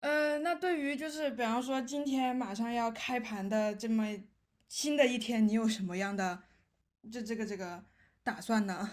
那对于就是比方说今天马上要开盘的这么新的一天，你有什么样的这个打算呢？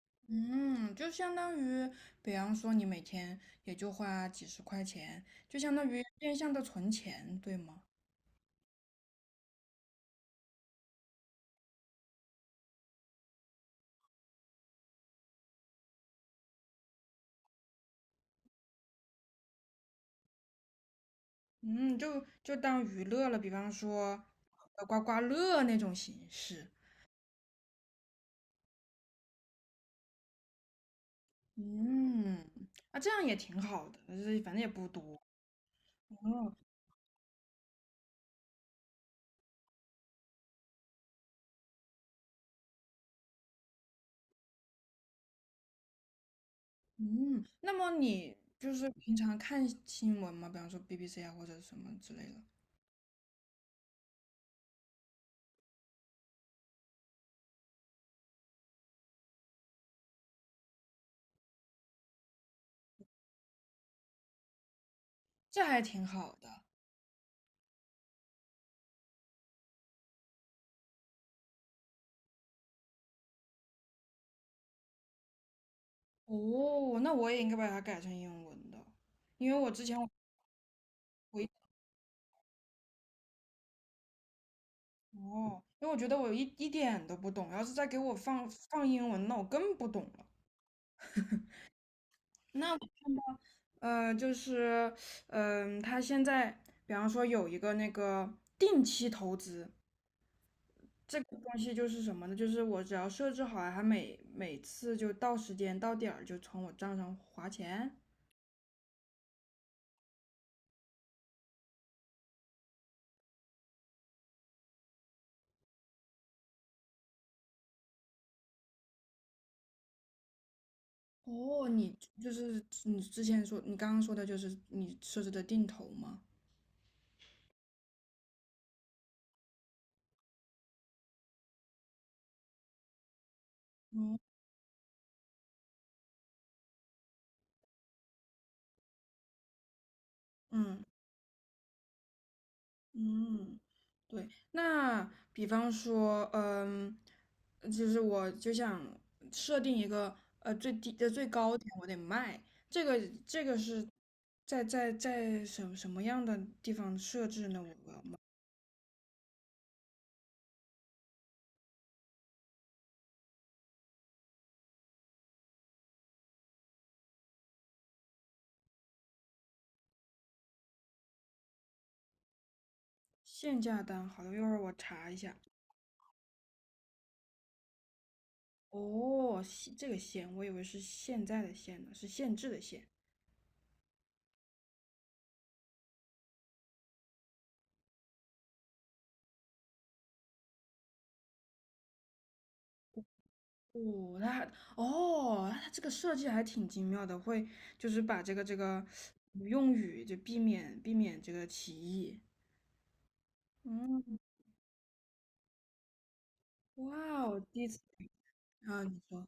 嗯，就相当于，比方说你每天也就花几十块钱，就相当于变相的存钱，对吗？嗯，就当娱乐了，比方说刮刮乐那种形式。嗯，啊，这样也挺好的，就是反正也不多。嗯，那么你就是平常看新闻吗？比方说 BBC 啊，或者什么之类的，这还挺好的。哦，那我也应该把它改成英文的，因为我之前我我一哦，因为我觉得我一点都不懂，要是再给我放英文，那我更不懂了。那就是他现在比方说有一个那个定期投资，这个东西就是什么呢？就是我只要设置好了，它每次就到时间到点儿就从我账上划钱。哦，你就是你之前说你刚刚说的就是你设置的定投吗？哦，嗯嗯，对。那比方说，嗯，就是我就想设定一个最低的最高点，我得卖。这个这个是在什么样的地方设置呢？限价单，好的，一会儿我查一下。哦，这个限，我以为是现在的限呢，是限制的限。哦，哦，那它这个设计还挺精妙的，会就是把这个用语就避免这个歧义。嗯，哇。哦，第一次。啊，你说，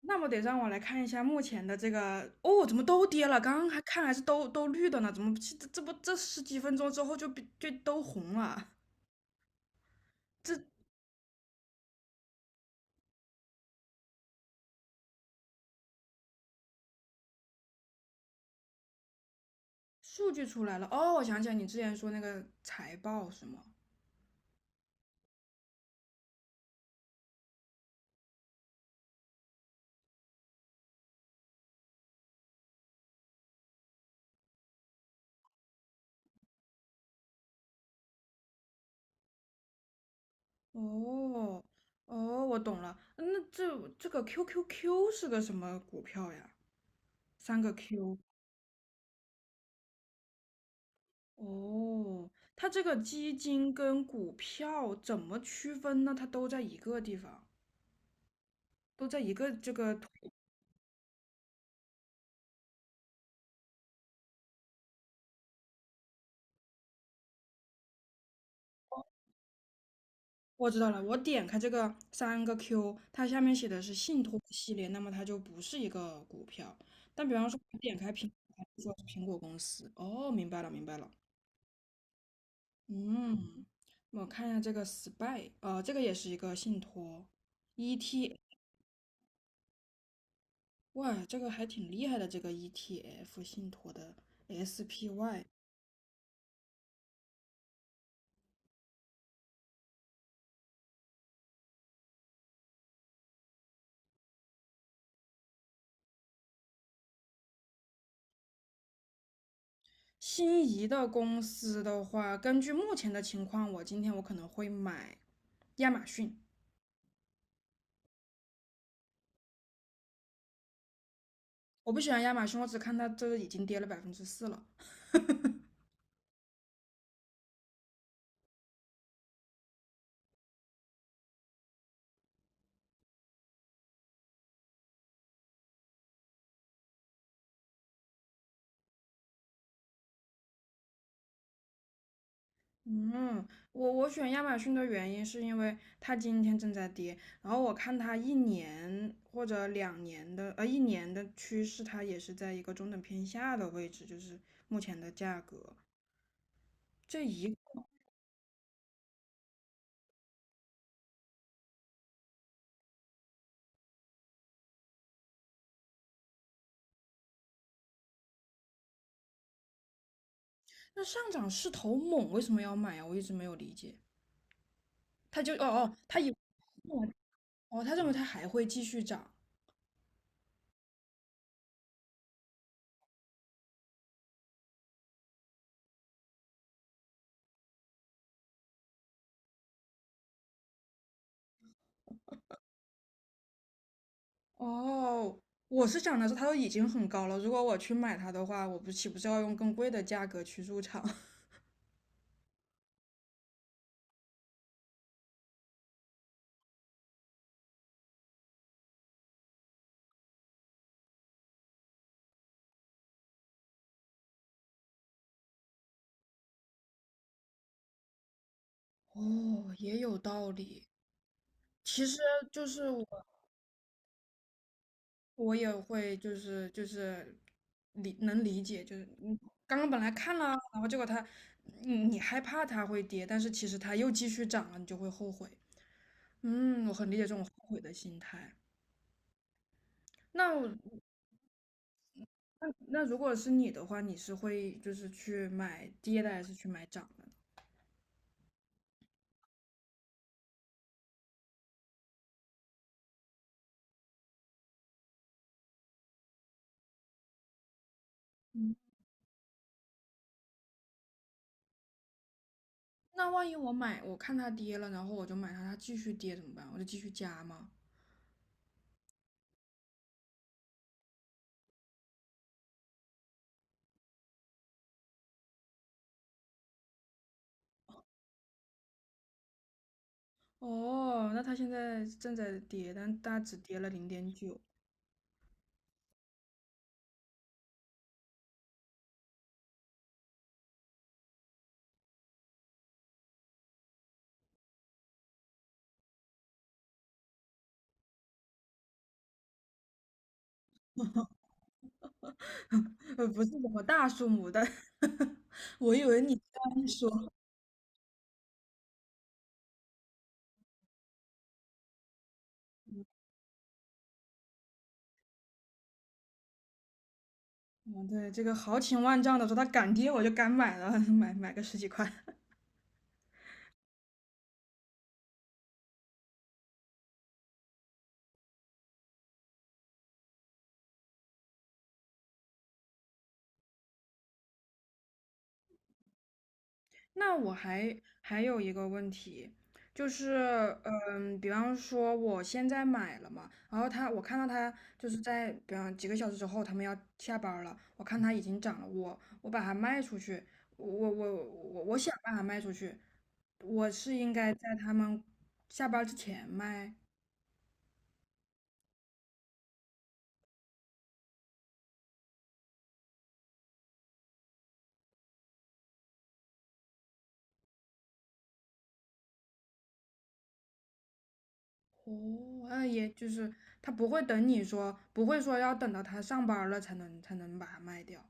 那么得让我来看一下目前的这个。哦，怎么都跌了？刚刚还是都绿的呢，怎么这这不这十几分钟之后就都红了？这。数据出来了，哦，我想起来你之前说那个财报是吗？哦，哦，我懂了。那这个 QQQ 是个什么股票呀？三个 Q。哦，它这个基金跟股票怎么区分呢？它都在一个地方，都在一个这个图。我知道了，我点开这个三个 Q，它下面写的是信托系列，那么它就不是一个股票。但比方说，我点开苹果，它就说是苹果公司。哦，明白了，明白了。嗯，我看一下这个 spy，这个也是一个信托 e t 哇，这个还挺厉害的，这个 ETF 信托的 SPY。心仪的公司的话，根据目前的情况，我今天可能会买亚马逊。我不喜欢亚马逊，我只看它这已经跌了4%了。嗯，我选亚马逊的原因是因为它今天正在跌，然后我看它一年或者两年的，一年的趋势，它也是在一个中等偏下的位置，就是目前的价格。这一个那上涨势头猛，为什么要买啊？我一直没有理解。哦哦，哦哦，他认为它还会继续涨。哦，我是想的是它都已经很高了，如果我去买它的话，我不岂不是要用更贵的价格去入场？哦，也有道理。其实就是我也会，就是理解，就是你刚刚本来看了，然后结果它，你害怕它会跌，但是其实它又继续涨了，你就会后悔。嗯，我很理解这种后悔的心态。那我那那如果是你的话，你是会就是去买跌的，还是去买涨的呢？嗯，那万一我买，我看它跌了，然后我就买它，它继续跌怎么办？我就继续加吗？哦，那它现在正在跌，但大只跌了0.9。不是什么大数目，但 我以为你刚说，嗯，对，这个豪情万丈的说它敢跌，我就敢买了，买个十几块。那我还有一个问题，就是，嗯，比方说我现在买了嘛，然后他，我看到他就是在，比方几个小时之后，他们要下班儿了，我看它已经涨了，把它卖出去，我想把它卖出去，我是应该在他们下班儿之前卖，哦，那也就是他不会等你说，不会说要等到他上班儿了才能把它卖掉。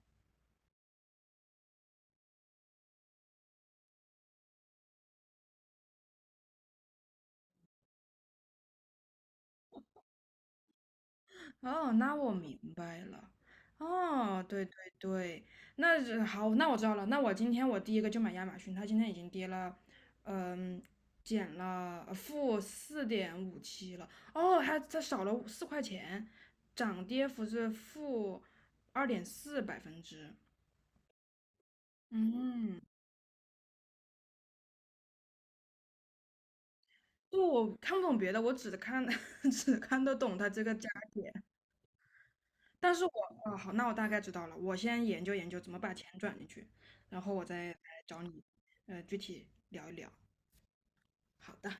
哦，那我明白了。哦，对对对，那是好，那我知道了。那我今天我第一个就买亚马逊，它今天已经跌了，嗯，减了-4.57了。哦，还它少了四块钱，涨跌幅是-2.4%。嗯，不，我看不懂别的，我只看 只看得懂它这个加。但是我啊，好，那我大概知道了。我先研究研究怎么把钱转进去，然后我再来找你，具体聊一聊。好的。